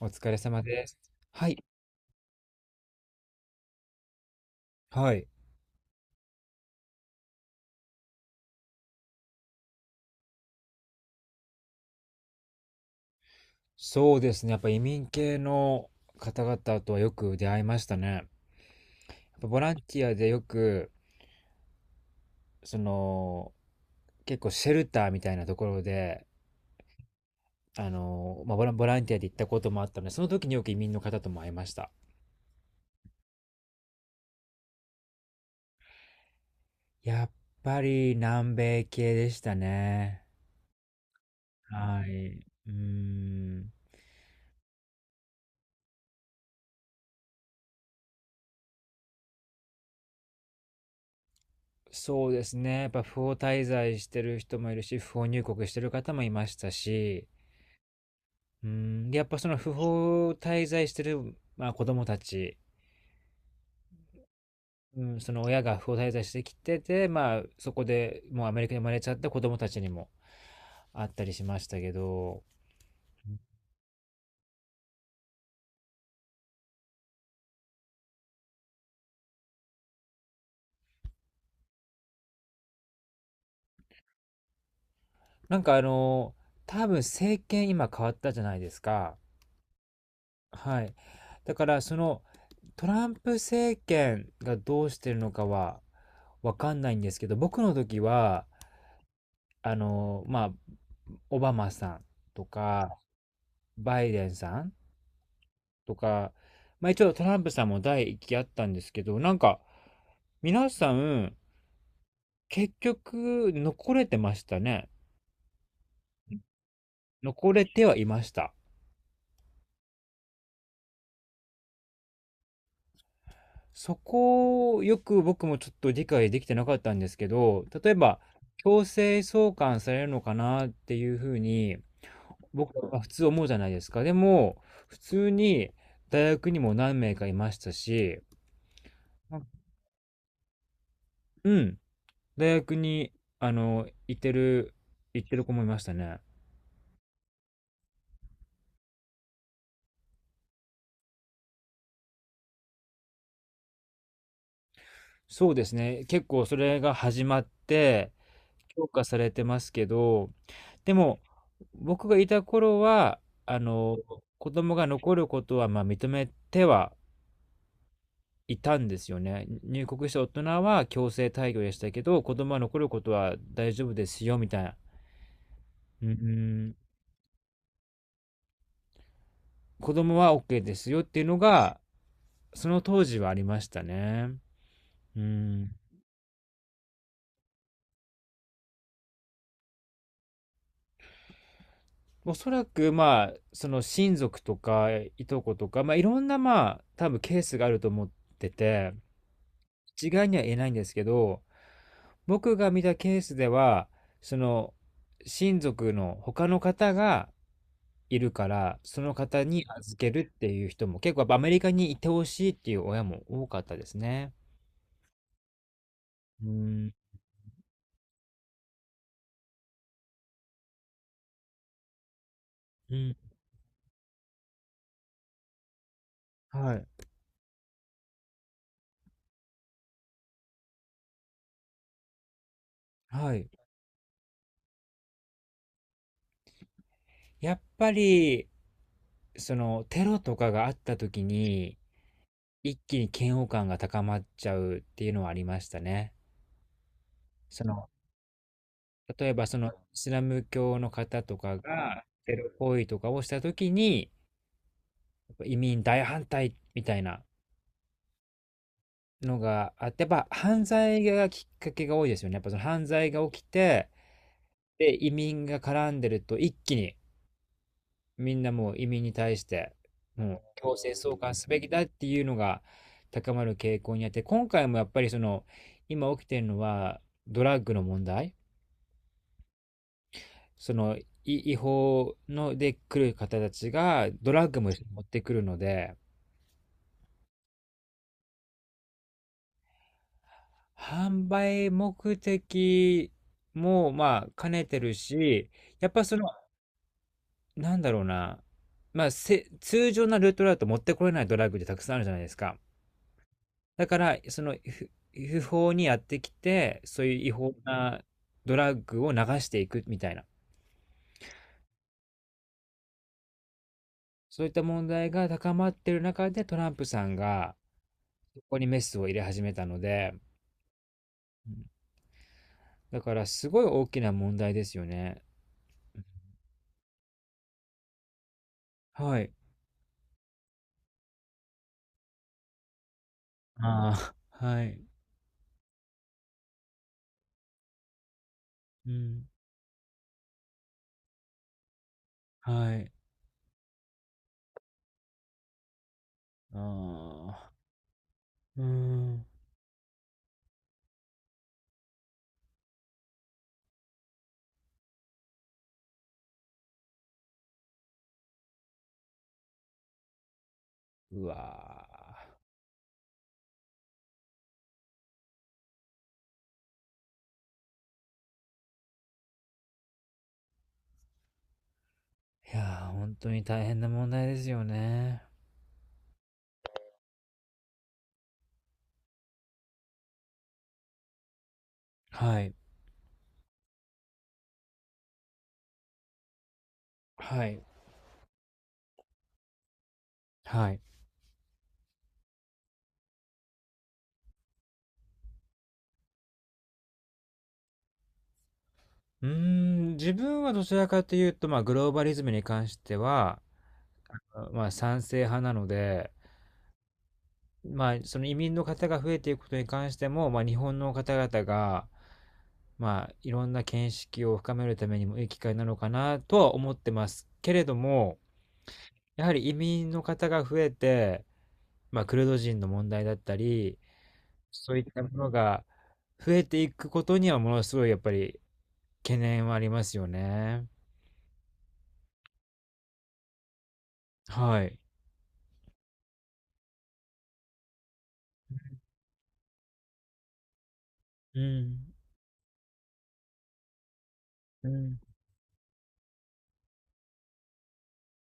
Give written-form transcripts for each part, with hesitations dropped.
お疲れ様です。はい。はい。そうですね。やっぱ移民系の方々とはよく出会いましたね。やっぱボランティアでよく、その、結構シェルターみたいなところで、まあ、ボランティアで行ったこともあったので、その時によく移民の方とも会いました。やっぱり南米系でしたね。はい。うーん。そうですね。やっぱ不法滞在してる人もいるし、不法入国してる方もいましたし、うん、で、やっぱその不法滞在してる、まあ、子供たち、うん、その親が不法滞在してきてて、まあ、そこでもうアメリカに生まれちゃった子供たちにもあったりしましたけど、なんか多分政権今変わったじゃないですか。はい。だからそのトランプ政権がどうしてるのかはわかんないんですけど、僕の時は、まあ、オバマさんとか、バイデンさんとか、まあ一応トランプさんも第一期あったんですけど、なんか、皆さん、結局、残れてましたね。残れてはいました。そこをよく僕もちょっと理解できてなかったんですけど、例えば、強制送還されるのかなっていうふうに、僕は普通思うじゃないですか。でも、普通に大学にも何名かいましたし、うん、大学に、あの、行ってる、行ってる子もいましたね。そうですね。結構それが始まって、強化されてますけど、でも、僕がいた頃は、子供が残ることは、まあ、認めてはいたんですよね。入国した大人は強制退去でしたけど、子供は残ることは大丈夫ですよ、みたいな。うん、子供は OK ですよっていうのが、その当時はありましたね。うん。おそらく、まあ、その親族とか、いとことか、まあ、いろんな、まあ、多分ケースがあると思ってて、一概には言えないんですけど、僕が見たケースでは、その、親族の他の方がいるから、その方に預けるっていう人も、結構やっぱアメリカにいてほしいっていう親も多かったですね。うん。うん。はい。はい。やっぱり、その、テロとかがあった時に、一気に嫌悪感が高まっちゃうっていうのはありましたね。その、例えばそのイスラム教の方とかがテロ行為とかをした時に、やっぱ移民大反対みたいなのがあって、やっぱ犯罪がきっかけが多いですよね。やっぱその犯罪が起きて、で、移民が絡んでると一気にみんなもう移民に対して、もう強制送還すべきだっていうのが高まる傾向にあって、今回もやっぱりその、今起きてるのはドラッグの問題。その違法ので来る方たちがドラッグも持ってくるので、販売目的もまあ兼ねてるし、やっぱその、なんだろうな、まあ通常なルートだと持ってこれないドラッグってたくさんあるじゃないですか。だから、その不法にやってきて、そういう違法なドラッグを流していくみたいな、そういった問題が高まってる中でトランプさんが、そこにメスを入れ始めたので、うん。だからすごい大きな問題ですよね。はい。ああ、はい。うん。はい。ああ、うーん。うわー。いやー、ほんに大変な問題ですよね。はい。はい。はい。うーん、自分はどちらかというと、まあ、グローバリズムに関しては、まあ、賛成派なので、まあ、その移民の方が増えていくことに関しても、まあ、日本の方々が、まあ、いろんな見識を深めるためにもいい機会なのかなとは思ってますけれども、やはり移民の方が増えて、まあ、クルド人の問題だったり、そういったものが増えていくことにはものすごいやっぱり懸念はありますよね。はい。うん。うん。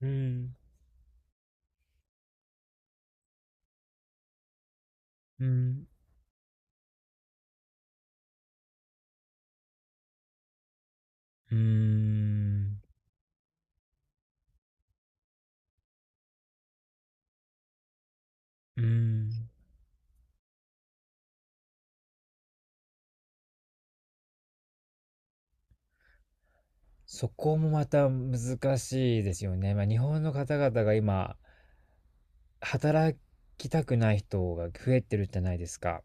うん。うん。うーん。うーん。そこもまた難しいですよね。まあ、日本の方々が今、働きたくない人が増えてるじゃないですか。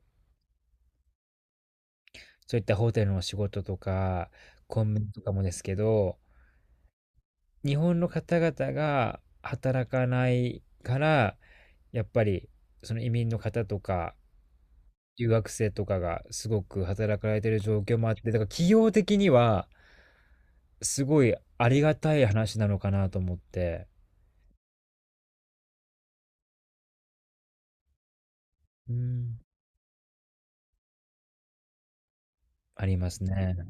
そういったホテルの仕事とか、コンビニとかもですけど、日本の方々が働かないから、やっぱりその移民の方とか、留学生とかがすごく働かれてる状況もあって、だから企業的にはすごいありがたい話なのかなと思って、うん、ありますね。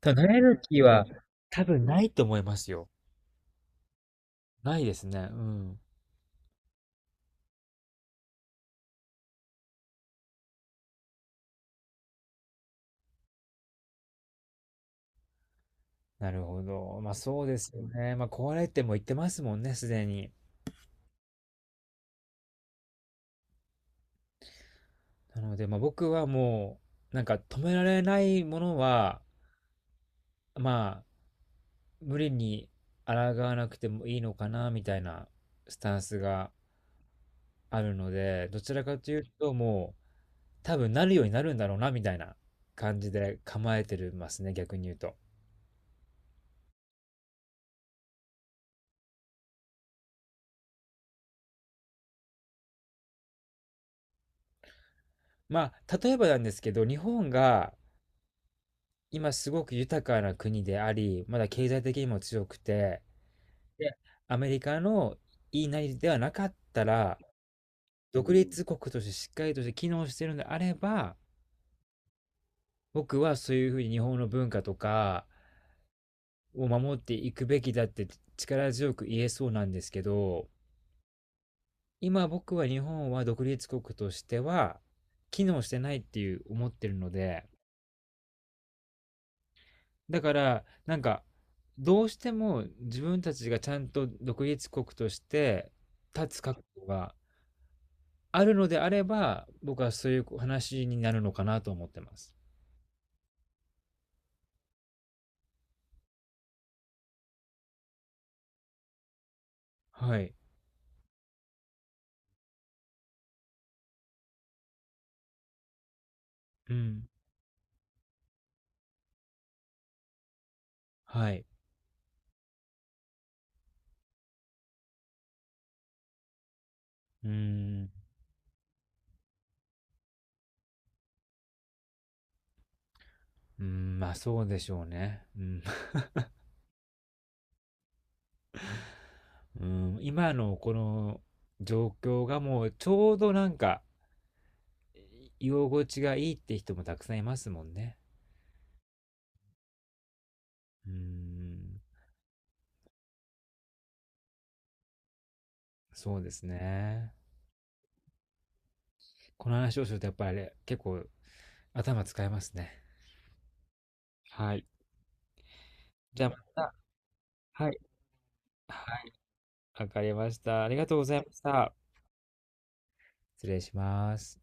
ただ、慣れる気は多分ないと思いますよ。ないですね。うん。なるほど。まあそうですよね。まあ壊れても言ってますもんね、すでに。なので、まあ僕はもう、なんか止められないものは、まあ無理に抗わなくてもいいのかな、みたいなスタンスがあるので、どちらかというともう多分なるようになるんだろうな、みたいな感じで構えてますね、逆に言うと。まあ例えばなんですけど、日本が今すごく豊かな国であり、まだ経済的にも強くて、で、アメリカの言いなりではなかったら、独立国としてしっかりとして機能してるのであれば、僕はそういうふうに日本の文化とかを守っていくべきだって力強く言えそうなんですけど、今僕は日本は独立国としては機能してないっていう思ってるので、だからなんかどうしても自分たちがちゃんと独立国として立つ覚悟があるのであれば僕はそういう話になるのかなと思ってます。はい。うん。はい。うーん。うん、まあそうでしょうね。うん。うん、今のこの状況がもうちょうどなんか居心地がいいって人もたくさんいますもんね。うーん。そうですね。この話をするとやっぱりあれ結構頭使えますね。はい。じゃあまた。はい。はい。わかりました。ありがとうございました。失礼します。